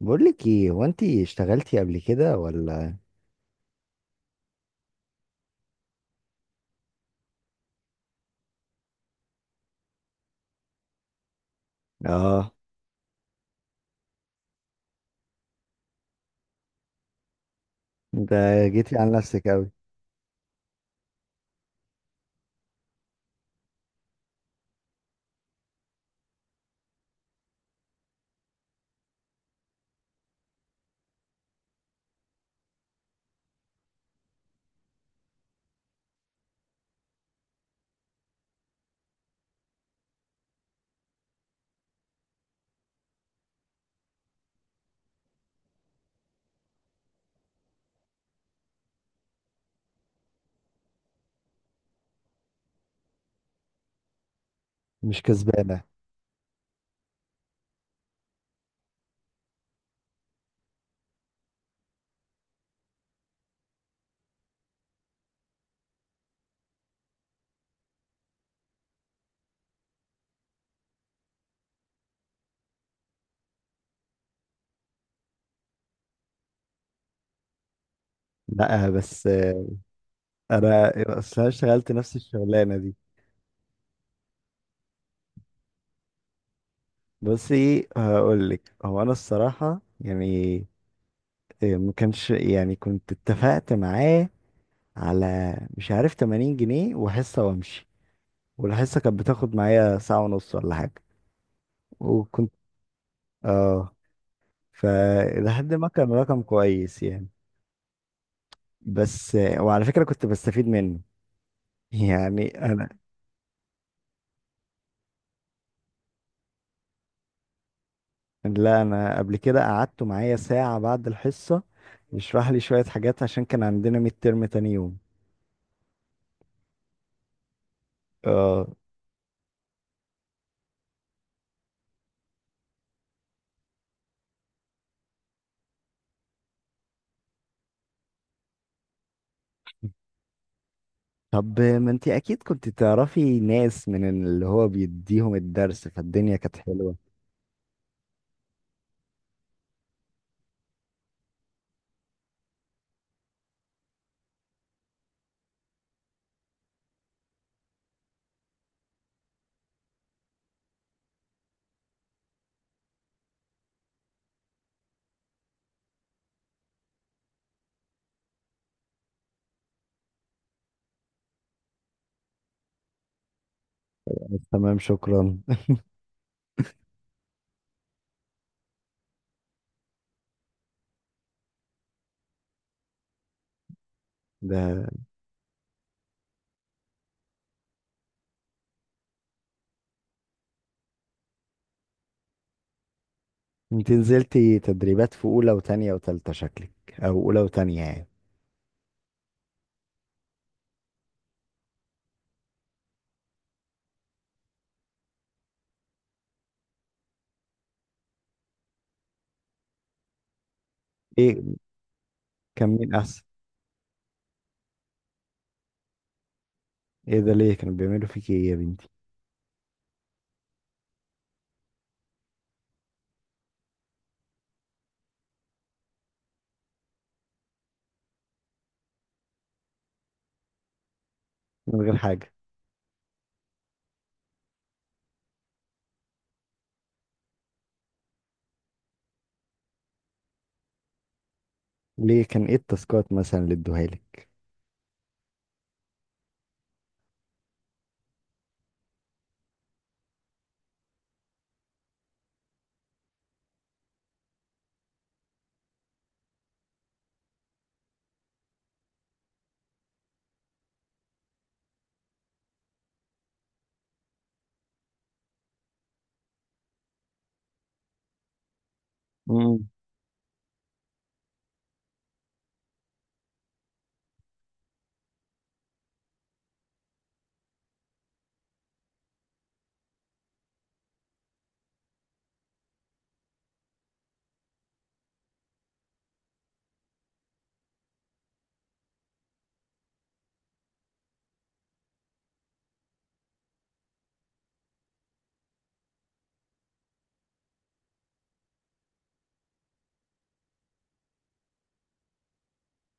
بقول لك ايه، هو انت اشتغلتي قبل كده ولا؟ اه. ده جيتي على نفسك قوي. مش كسبانه. لا بس انا. اصل اشتغلت نفس الشغلانه دي. بصي هقول لك. انا الصراحه يعني إيه، ما كانش يعني كنت اتفقت معاه على مش عارف 80 جنيه وحصه وامشي، والحصه كانت بتاخد معايا ساعه ونص ولا حاجه. وكنت اه، فلحد ما كان رقم كويس يعني. بس وعلى فكرة كنت بستفيد منه، يعني انا. لا انا قبل كده قعدته معايا ساعة بعد الحصة، يشرح لي شوية حاجات عشان كان عندنا ميد ترم تاني يوم. اه. طب ما انت اكيد كنت تعرفي ناس من اللي هو بيديهم الدرس، فالدنيا كانت حلوة. تمام، شكرا. ده انت نزلتي تدريبات في اولى وتانية وتالتة شكلك، او اولى وتانية يعني؟ ايه، كان مين احسن؟ ايه ده، ليه كانوا بيعملوا فيكي ايه يا بنتي؟ من غير حاجة؟ ليه، كان ايه التاسكات مثلا اللي ادوها لك؟ مم.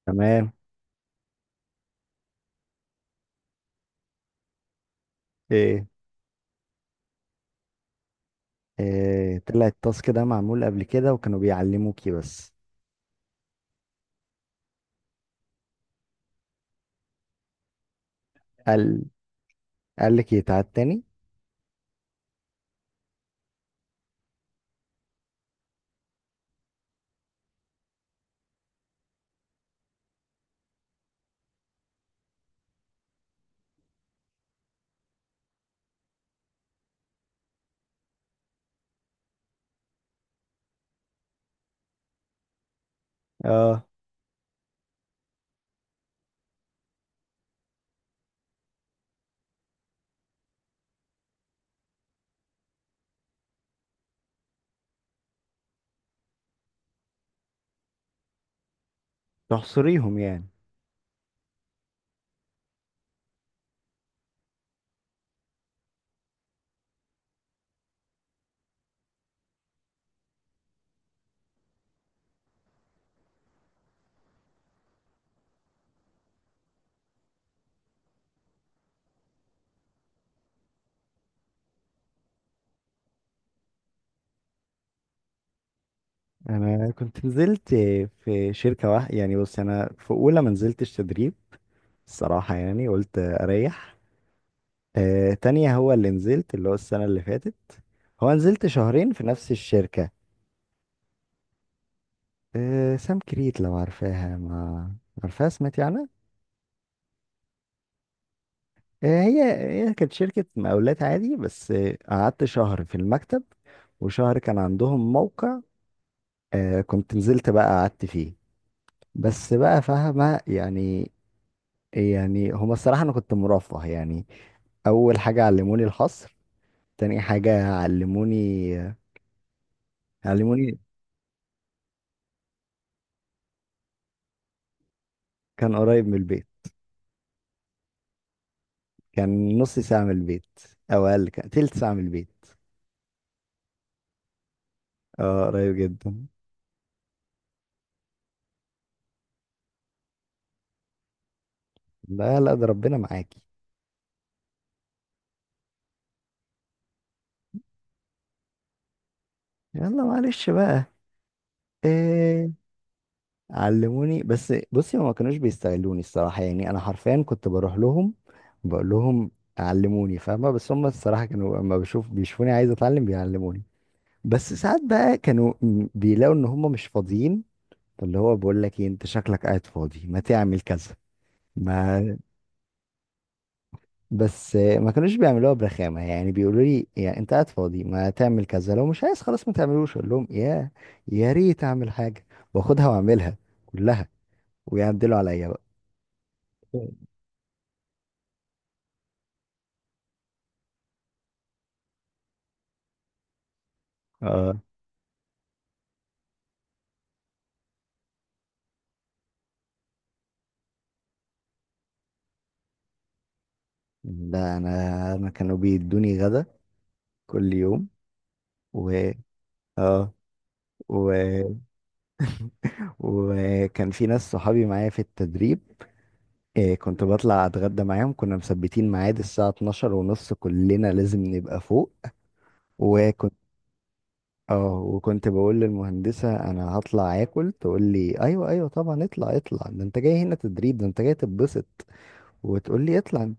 تمام. ايه؟ إيه، طلع التاسك ده معمول قبل كده وكانوا بيعلموكي بس؟ قال قال لك يتعاد تاني؟ اه. تحصريهم يعني؟ انا كنت نزلت في شركة واحدة يعني. بص انا في اولى ما نزلتش تدريب الصراحة، يعني قلت اريح. آه، تانية هو اللي نزلت، اللي هو السنة اللي فاتت، هو نزلت شهرين في نفس الشركة. آه سام كريت، لو عارفاها؟ ما عارفاها، سمعتي عنها؟ آه، هي. هي كانت شركة مقاولات عادي، بس آه، قعدت شهر في المكتب وشهر كان عندهم موقع، آه، كنت نزلت بقى قعدت فيه، بس بقى فاهمة يعني. يعني هما الصراحة أنا كنت مرفه يعني. أول حاجة علموني الحصر، تاني حاجة علموني، علموني. كان قريب من البيت. كان نص ساعة من البيت، أو أقل، كان تلت ساعة من البيت. اه قريب جدا. لا لا، ده ربنا معاكي. يلا معلش بقى. آه، علموني. بس بصي هما ما كانوش بيستغلوني الصراحة، يعني أنا حرفيا كنت بروح لهم، بقول لهم علموني، فاهمة؟ بس هما الصراحة كانوا لما بيشوفوني عايز أتعلم بيعلموني. بس ساعات بقى كانوا بيلاقوا إن هما مش فاضيين، فاللي هو بقول لك إيه أنت شكلك قاعد فاضي، ما تعمل كذا، ما. بس ما كانوش بيعملوها برخامة، يعني بيقولوا لي يعني أنت قاعد فاضي ما تعمل كذا، لو مش عايز خلاص ما تعملوش. أقول لهم يا ريت أعمل حاجة وآخدها وأعملها كلها، ويعدلوا عليا بقى. اه، ده انا كانوا بيدوني غدا كل يوم. و اه، و... وكان في ناس صحابي معايا في التدريب. إيه، كنت بطلع اتغدى معاهم، كنا مثبتين ميعاد الساعة 12 ونص، كلنا لازم نبقى فوق. وكنت اه، وكنت بقول للمهندسة انا هطلع اكل، تقول لي ايوه ايوه طبعا اطلع اطلع، ده انت جاي هنا تدريب، ده انت جاي تتبسط، وتقول لي اطلع.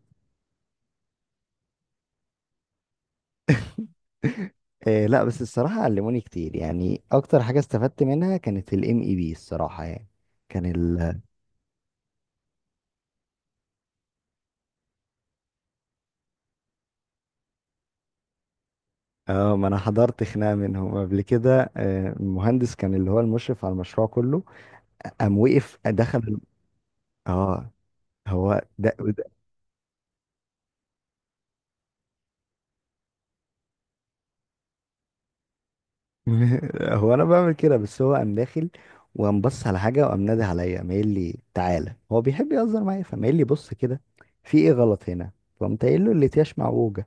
إيه، لا بس الصراحة علموني كتير، يعني أكتر حاجة استفدت منها كانت ال MEB الصراحة يعني. كان ال اه، ما أنا حضرت خناقة منهم قبل كده. آه، المهندس كان اللي هو المشرف على المشروع كله، قام وقف دخل اه. هو هو أنا بعمل كده. بس هو قام داخل وقام بص على حاجة، وقام نادي عليا، قام قايل لي تعالى، هو بيحب يهزر معايا، فقام قايل لي بص كده، في إيه غلط هنا؟ فقمت قايل له الأتياش معوجة،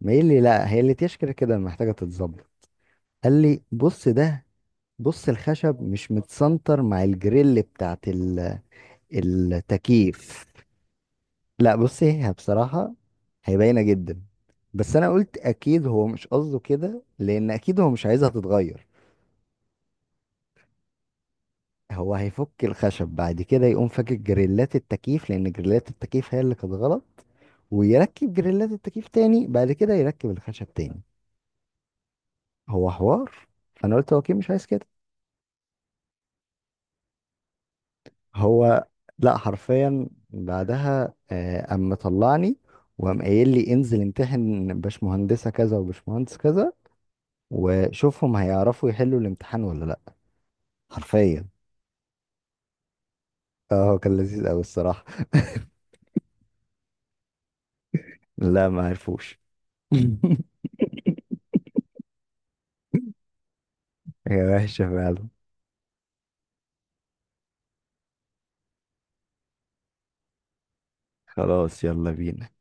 ما قايل لي لا، هي الأتياش كده كده محتاجة تتظبط. قال لي بص ده، بص الخشب مش متسنتر مع الجريل بتاعت التكييف. لا بص، هي بصراحة هي باينة جدا، بس انا قلت اكيد هو مش قصده كده، لان اكيد هو مش عايزها تتغير. هو هيفك الخشب بعد كده، يقوم فاكك جريلات التكييف، لان جريلات التكييف هي اللي كانت غلط، ويركب جريلات التكييف تاني، بعد كده يركب الخشب تاني. هو حوار. فانا قلت هو اكيد مش عايز كده. هو. لا حرفيا بعدها آه، قام مطلعني، وقام قايل لي انزل امتحن باشمهندسة كذا وباشمهندس كذا، وشوفهم هيعرفوا يحلوا الامتحان ولا لا، حرفيا. اه، هو كان لذيذ قوي الصراحة. لا ما عرفوش. هي وحشة فعلا. خلاص يلا بينا.